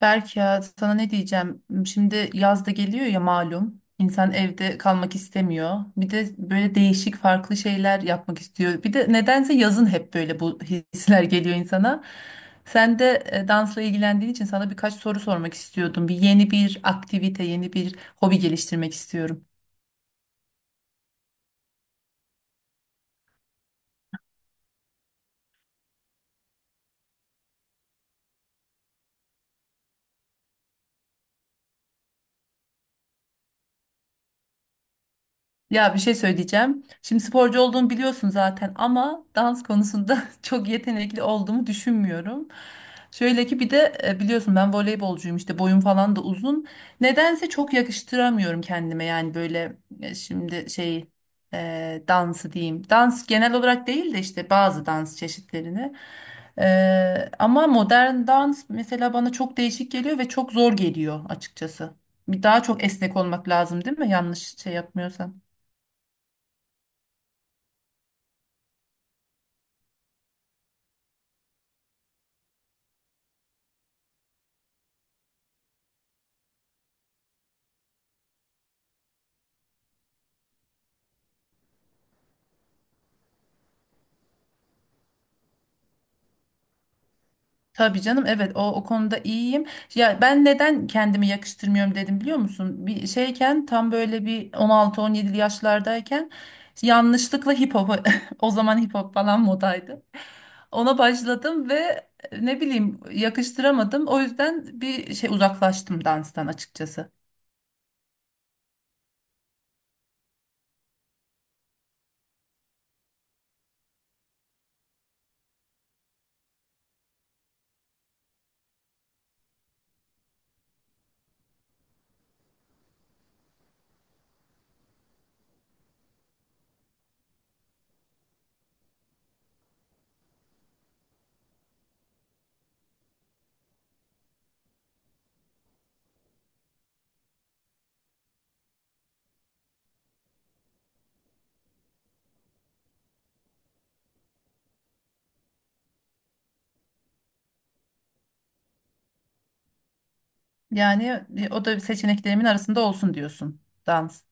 Berk ya sana ne diyeceğim? Şimdi yaz da geliyor ya malum. İnsan evde kalmak istemiyor. Bir de böyle değişik farklı şeyler yapmak istiyor. Bir de nedense yazın hep böyle bu hisler geliyor insana. Sen de dansla ilgilendiğin için sana birkaç soru sormak istiyordum. Bir yeni bir aktivite, yeni bir hobi geliştirmek istiyorum. Ya bir şey söyleyeceğim. Şimdi sporcu olduğumu biliyorsun zaten ama dans konusunda çok yetenekli olduğumu düşünmüyorum. Şöyle ki bir de biliyorsun ben voleybolcuyum işte boyum falan da uzun. Nedense çok yakıştıramıyorum kendime yani böyle şimdi şey dansı diyeyim. Dans genel olarak değil de işte bazı dans çeşitlerini. Ama modern dans mesela bana çok değişik geliyor ve çok zor geliyor açıkçası. Daha çok esnek olmak lazım değil mi? Yanlış şey yapmıyorsam. Tabii canım, evet, o konuda iyiyim. Ya ben neden kendimi yakıştırmıyorum dedim biliyor musun? Bir şeyken tam böyle bir 16-17 yaşlardayken yanlışlıkla hip hop o zaman hip hop falan modaydı. Ona başladım ve ne bileyim yakıştıramadım. O yüzden bir şey uzaklaştım danstan açıkçası. Yani o da seçeneklerimin arasında olsun diyorsun, dans.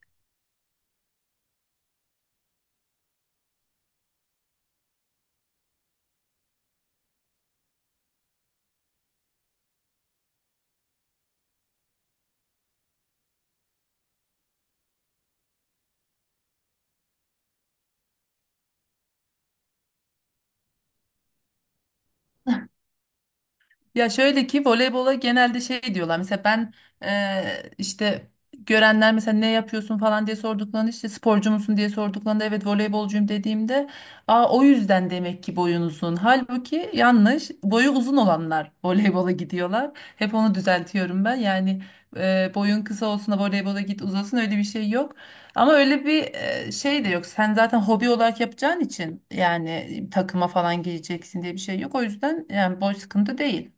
Ya şöyle ki voleybola genelde şey diyorlar. Mesela ben işte görenler mesela ne yapıyorsun falan diye sorduklarında, işte sporcu musun diye sorduklarında evet voleybolcuyum dediğimde, aa o yüzden demek ki boyun uzun. Halbuki yanlış. Boyu uzun olanlar voleybola gidiyorlar. Hep onu düzeltiyorum ben. Yani boyun kısa olsun da voleybola git uzasın, öyle bir şey yok. Ama öyle bir şey de yok. Sen zaten hobi olarak yapacağın için, yani takıma falan gireceksin diye bir şey yok. O yüzden yani boy sıkıntı değil.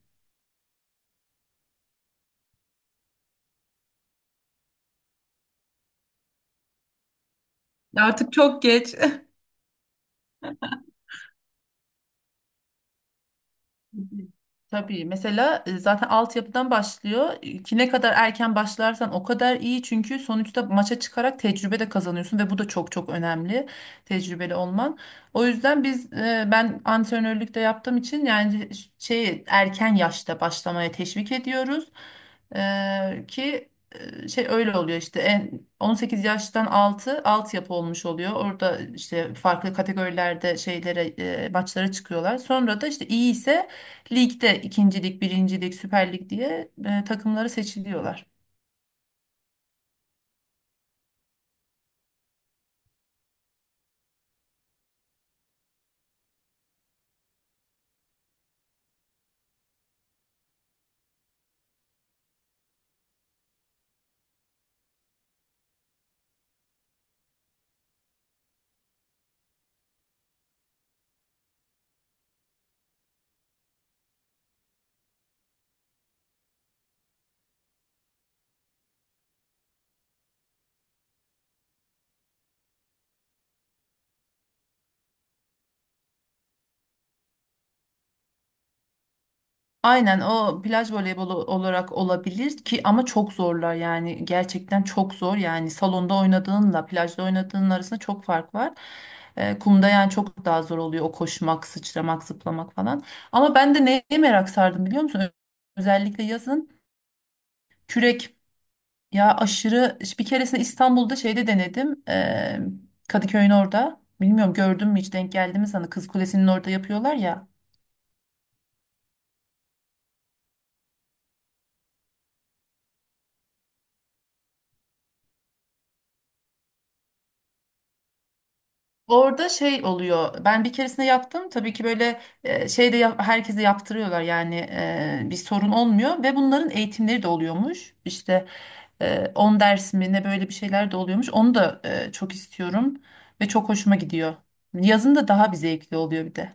Ya artık çok geç. Tabii mesela zaten altyapıdan başlıyor. E, ki ne kadar erken başlarsan o kadar iyi. Çünkü sonuçta maça çıkarak tecrübe de kazanıyorsun ve bu da çok çok önemli, tecrübeli olman. O yüzden biz ben antrenörlük de yaptığım için yani şey, erken yaşta başlamaya teşvik ediyoruz. E, ki şey öyle oluyor, işte en 18 yaştan altı altyapı olmuş oluyor. Orada işte farklı kategorilerde şeylere maçlara çıkıyorlar. Sonra da işte iyi ise ligde ikincilik, birincilik, Süper Lig diye takımları seçiliyorlar. Aynen, o plaj voleybolu olarak olabilir ki, ama çok zorlar yani, gerçekten çok zor yani, salonda oynadığınla plajda oynadığın arasında çok fark var. E, kumda yani çok daha zor oluyor o koşmak, sıçramak, zıplamak falan. Ama ben de neye merak sardım biliyor musun? Özellikle yazın, kürek. Ya aşırı, bir keresinde İstanbul'da şeyde denedim. Kadıköy'ün orada. Bilmiyorum gördün mü, hiç denk geldi mi sana? Kız Kulesi'nin orada yapıyorlar ya. Orada şey oluyor. Ben bir keresinde yaptım. Tabii ki böyle şey de herkese yaptırıyorlar yani, bir sorun olmuyor ve bunların eğitimleri de oluyormuş. İşte 10 ders mi ne, böyle bir şeyler de oluyormuş. Onu da çok istiyorum ve çok hoşuma gidiyor. Yazın da daha bir zevkli oluyor bir de.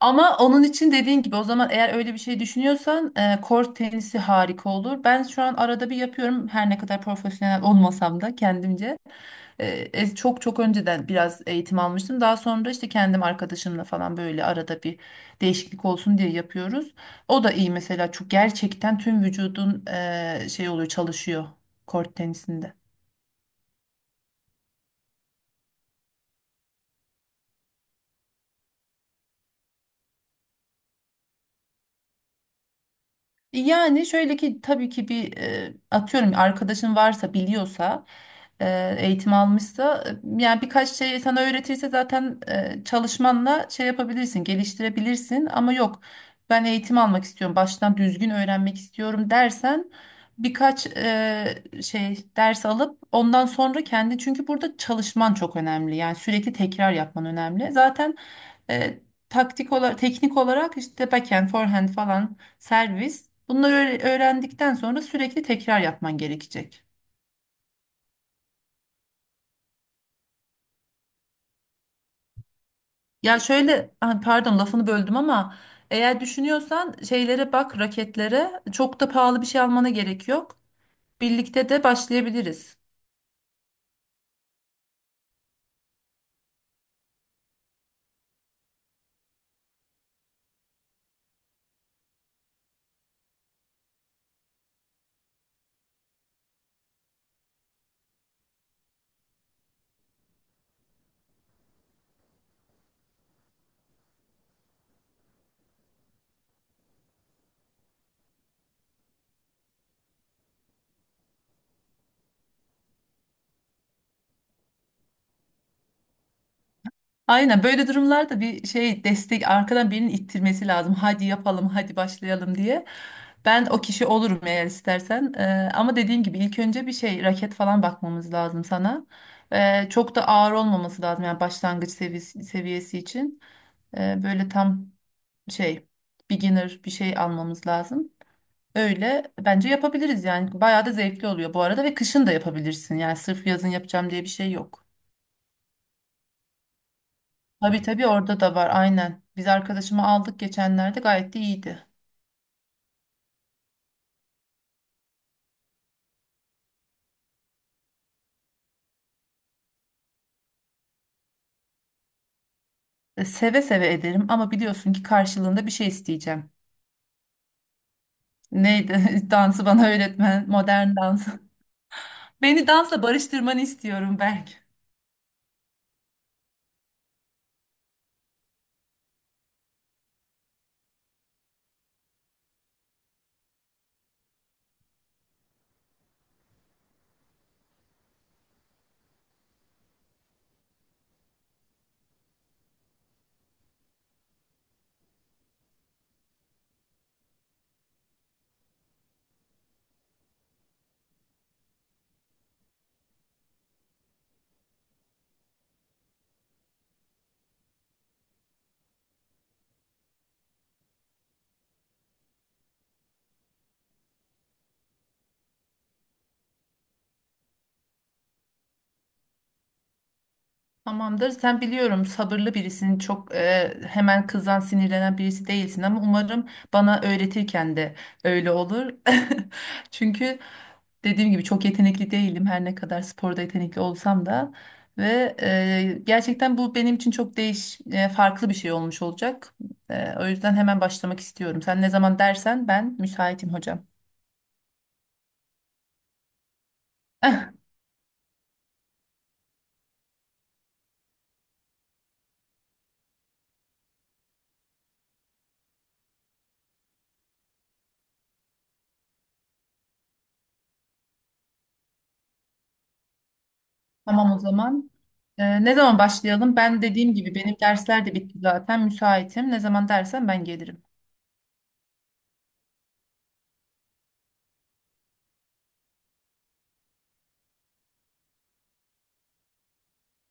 Ama onun için dediğin gibi, o zaman eğer öyle bir şey düşünüyorsan kort tenisi harika olur. Ben şu an arada bir yapıyorum, her ne kadar profesyonel olmasam da kendimce. Çok çok önceden biraz eğitim almıştım. Daha sonra işte kendim arkadaşımla falan böyle arada bir değişiklik olsun diye yapıyoruz. O da iyi mesela, çok gerçekten tüm vücudun şey oluyor, çalışıyor kort tenisinde. Yani şöyle ki, tabii ki bir atıyorum arkadaşın varsa, biliyorsa, eğitim almışsa, yani birkaç şey sana öğretirse zaten çalışmanla şey yapabilirsin, geliştirebilirsin, ama yok ben eğitim almak istiyorum, baştan düzgün öğrenmek istiyorum dersen, birkaç şey ders alıp ondan sonra kendi, çünkü burada çalışman çok önemli yani, sürekli tekrar yapman önemli zaten. e, Taktik olarak, teknik olarak işte backhand, forehand falan, servis. Bunları öğrendikten sonra sürekli tekrar yapman gerekecek. Ya şöyle, ah, pardon, lafını böldüm ama, eğer düşünüyorsan şeylere bak, raketlere, çok da pahalı bir şey almana gerek yok. Birlikte de başlayabiliriz. Aynen, böyle durumlarda bir şey destek, arkadan birinin ittirmesi lazım. Hadi yapalım, hadi başlayalım diye. Ben o kişi olurum eğer istersen. Ama dediğim gibi ilk önce bir şey raket falan bakmamız lazım sana. Çok da ağır olmaması lazım yani, başlangıç seviyesi için. Böyle tam şey, beginner bir şey almamız lazım. Öyle bence yapabiliriz yani. Bayağı da zevkli oluyor bu arada, ve kışın da yapabilirsin. Yani sırf yazın yapacağım diye bir şey yok. Tabii tabii, orada da var aynen. Biz arkadaşımı aldık geçenlerde, gayet de iyiydi. E, seve seve ederim ama biliyorsun ki karşılığında bir şey isteyeceğim. Neydi? Dansı bana öğretmen, modern dans. Beni dansla barıştırmanı istiyorum Berk. Tamamdır. Sen biliyorum sabırlı birisin. Çok hemen kızan, sinirlenen birisi değilsin, ama umarım bana öğretirken de öyle olur. Çünkü dediğim gibi çok yetenekli değilim. Her ne kadar sporda yetenekli olsam da, ve gerçekten bu benim için çok farklı bir şey olmuş olacak. E, o yüzden hemen başlamak istiyorum. Sen ne zaman dersen ben müsaitim hocam. Tamam o zaman. Ne zaman başlayalım? Ben dediğim gibi benim dersler de bitti zaten. Müsaitim. Ne zaman dersen ben gelirim.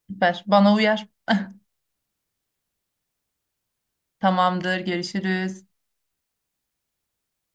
Süper. Bana uyar. Tamamdır. Görüşürüz.